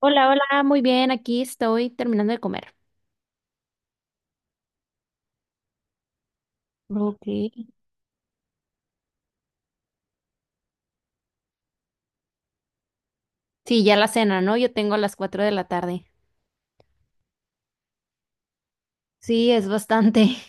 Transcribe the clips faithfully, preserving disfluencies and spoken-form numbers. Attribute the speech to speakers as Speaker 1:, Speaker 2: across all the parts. Speaker 1: Hola, hola, muy bien, aquí estoy terminando de comer. Ok. Sí, ya la cena, ¿no? Yo tengo a las cuatro de la tarde. Sí, es bastante.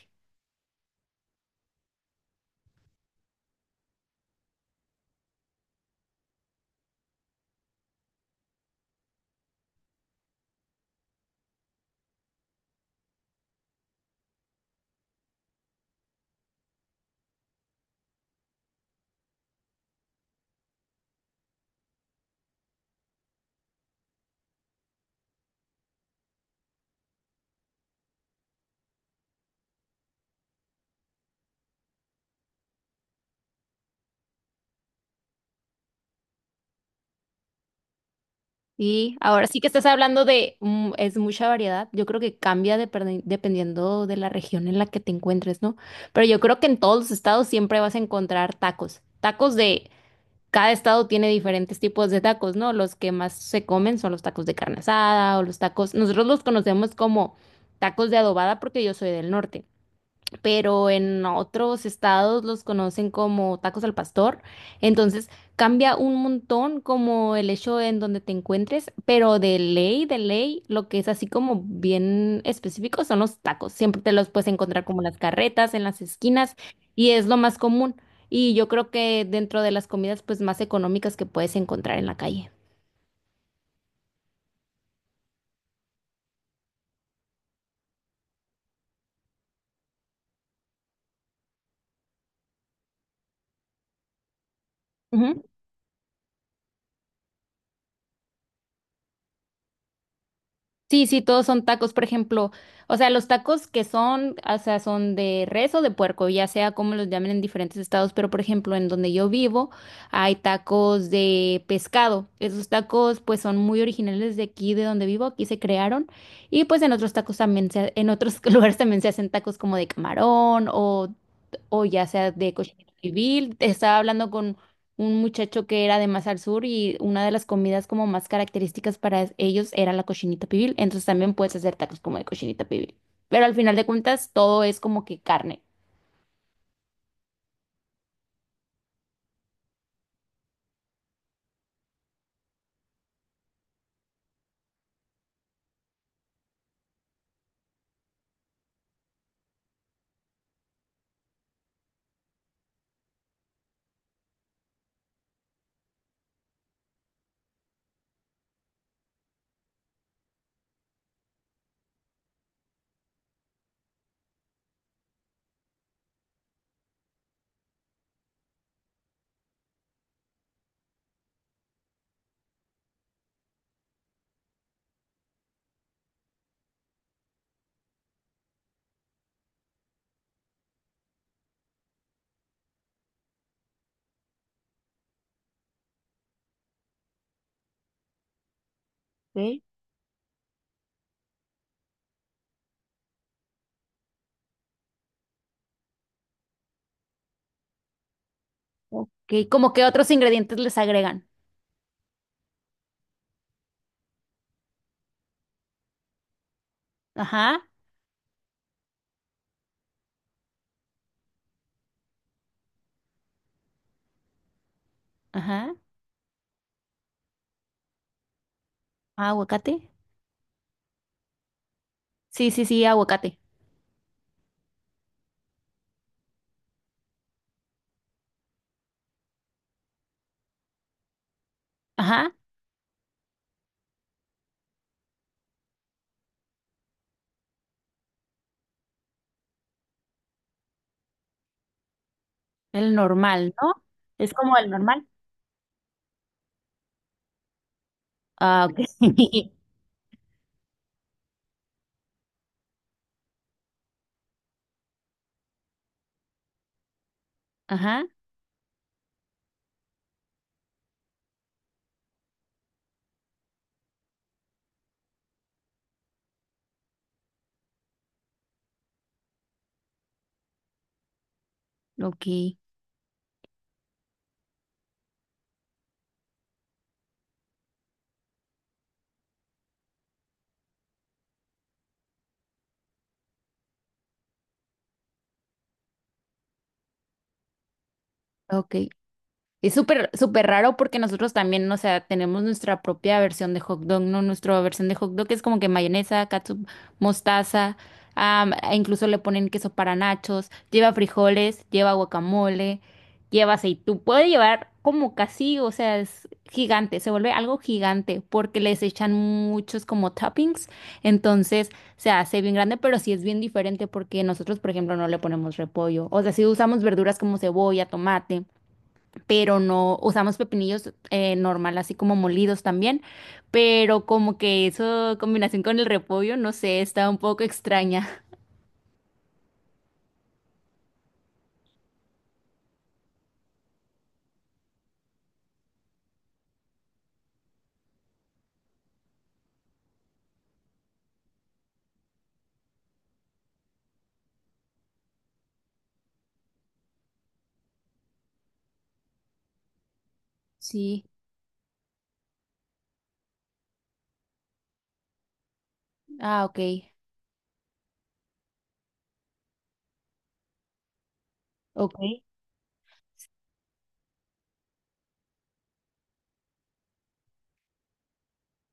Speaker 1: Sí, ahora sí que estás hablando de, mm, es mucha variedad. Yo creo que cambia dependi- dependiendo de la región en la que te encuentres, ¿no? Pero yo creo que en todos los estados siempre vas a encontrar tacos. Tacos de, cada estado tiene diferentes tipos de tacos, ¿no? Los que más se comen son los tacos de carne asada o los tacos, nosotros los conocemos como tacos de adobada porque yo soy del norte. Pero en otros estados los conocen como tacos al pastor. Entonces cambia un montón como el hecho en donde te encuentres, pero de ley, de ley, lo que es así como bien específico son los tacos. Siempre te los puedes encontrar como en las carretas, en las esquinas, y es lo más común. Y yo creo que dentro de las comidas pues más económicas que puedes encontrar en la calle. Sí, sí, todos son tacos, por ejemplo, o sea, los tacos que son, o sea, son de res o de puerco, ya sea como los llamen en diferentes estados, pero por ejemplo, en donde yo vivo hay tacos de pescado. Esos tacos pues son muy originales de aquí, de donde vivo, aquí se crearon y pues en otros tacos también se, ha- en otros lugares también se hacen tacos como de camarón o o ya sea de cochinito pibil. Estaba hablando con un muchacho que era de más al sur y una de las comidas como más características para es- ellos era la cochinita pibil. Entonces también puedes hacer tacos como de cochinita pibil. Pero al final de cuentas todo es como que carne. Ok, como que otros ingredientes les agregan. Ajá, ajá. Ah, aguacate. Sí, sí, sí, aguacate. Ajá, el normal, ¿no? Es como el normal. Ah, ok. Ajá, ok, ok. Es súper, súper raro porque nosotros también, o sea, tenemos nuestra propia versión de hot dog, ¿no? Nuestra versión de hot dog es como que mayonesa, catsup, mostaza, am, e incluso le ponen queso para nachos, lleva frijoles, lleva guacamole, lleva aceitú, puede llevar como casi, o sea, es gigante, se vuelve algo gigante porque les echan muchos como toppings, entonces se hace bien grande, pero sí es bien diferente porque nosotros, por ejemplo, no le ponemos repollo, o sea, sí usamos verduras como cebolla, tomate pero no usamos pepinillos eh, normal, así como molidos también, pero como que eso combinación con el repollo, no sé, está un poco extraña. Sí, ah, ok, ok.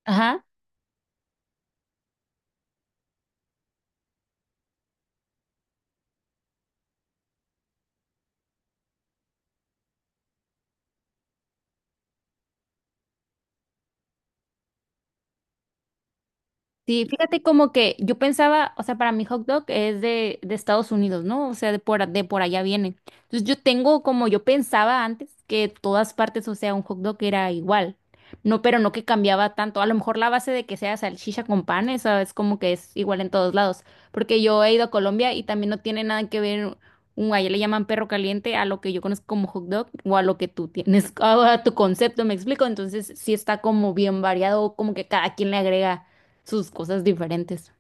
Speaker 1: Ajá. Sí, fíjate como que yo pensaba, o sea, para mí hot dog es de, de Estados Unidos, ¿no? O sea, de por, a- de por allá viene. Entonces yo tengo como yo pensaba antes que todas partes, o sea, un hot dog era igual. No, pero no que cambiaba tanto. A lo mejor la base de que sea salchicha con pan, eso es como que es igual en todos lados. Porque yo he ido a Colombia y también no tiene nada que ver, un, allá le llaman perro caliente a lo que yo conozco como hot dog o a lo que tú tienes, a a tu concepto, ¿me explico? Entonces sí está como bien variado, como que cada quien le agrega sus cosas diferentes.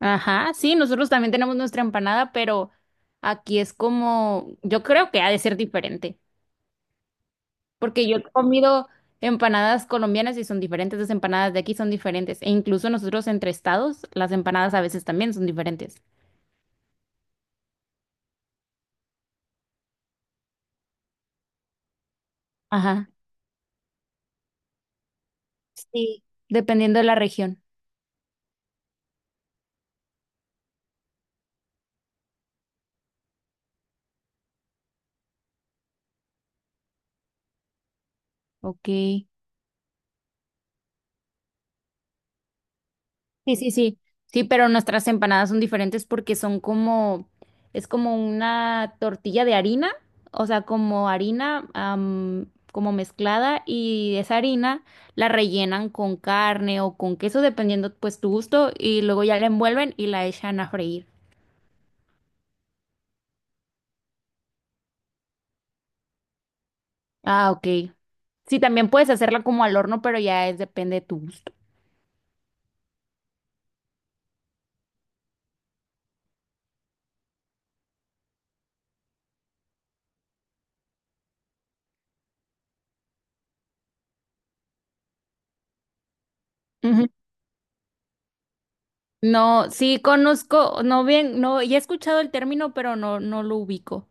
Speaker 1: Ajá, sí, nosotros también tenemos nuestra empanada, pero aquí es como, yo creo que ha de ser diferente, porque yo he comido empanadas colombianas y son diferentes, las empanadas de aquí son diferentes, e incluso nosotros entre estados, las empanadas a veces también son diferentes. Ajá, sí, dependiendo de la región. Ok. Sí, sí, sí. Sí, pero nuestras empanadas son diferentes porque son como, es como una tortilla de harina, o sea, como harina, am, como mezclada y esa harina la rellenan con carne o con queso, dependiendo pues tu gusto, y luego ya la envuelven y la echan a freír. Ah, ok. Sí, también puedes hacerla como al horno, pero ya es depende de tu gusto. Ujú. No, sí conozco, no bien, no, ya he escuchado el término, pero no, no lo ubico.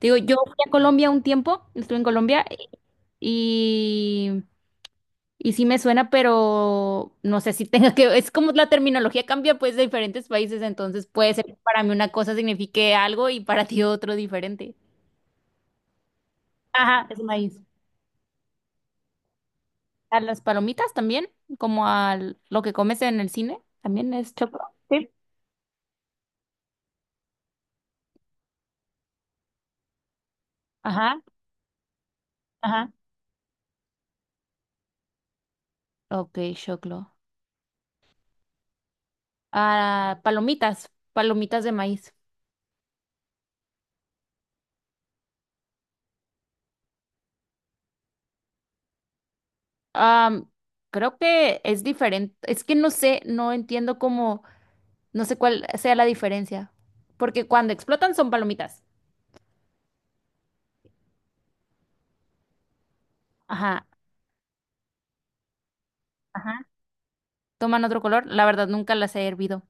Speaker 1: Te digo, yo fui a Colombia un tiempo, estuve en Colombia y, y sí me suena, pero no sé si tenga que, es como la terminología cambia pues de diferentes países, entonces puede ser que para mí una cosa signifique algo y para ti otro diferente. Ajá, es maíz. A las palomitas también, como a lo que comes en el cine, también es choclo. Sí. Ajá, ajá. Ok, choclo. Ah, palomitas, palomitas de maíz. Am, creo que es diferente. Es que no sé, no entiendo cómo, no sé cuál sea la diferencia. Porque cuando explotan son palomitas. Ajá, ajá. Toman otro color. La verdad, nunca las he hervido.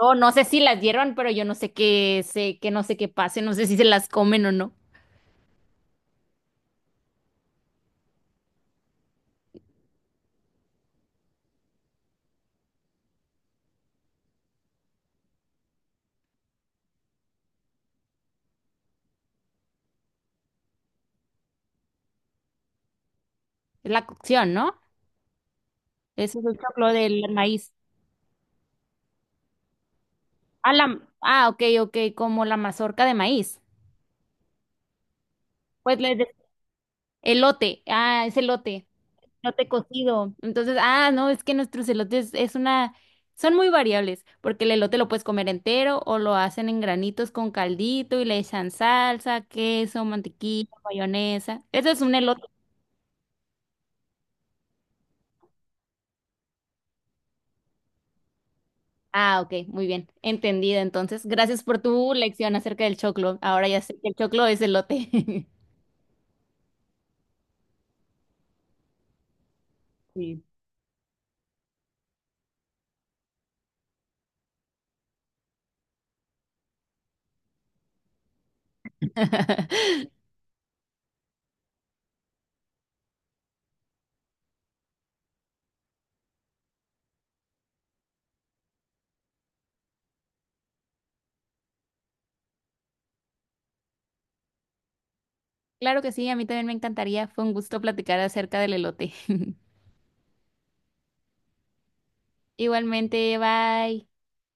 Speaker 1: No, no sé si las hiervan, pero yo no sé qué sé, que no sé qué pase, no sé si se las comen o no. Es la cocción, ¿no? Ese es el choclo del maíz. Ah, la, ah, ok, ok, como la mazorca de maíz. Pues le de- elote. Ah, es elote. Elote cocido. Entonces, ah, no, es que nuestros elotes es una, son muy variables, porque el elote lo puedes comer entero o lo hacen en granitos con caldito y le echan salsa, queso, mantequilla, mayonesa. Eso es un elote. Ah, ok, muy bien, entendida. Entonces, gracias por tu lección acerca del choclo. Ahora ya sé que el choclo es elote. Sí. Claro que sí, a mí también me encantaría. Fue un gusto platicar acerca del elote. Igualmente, bye.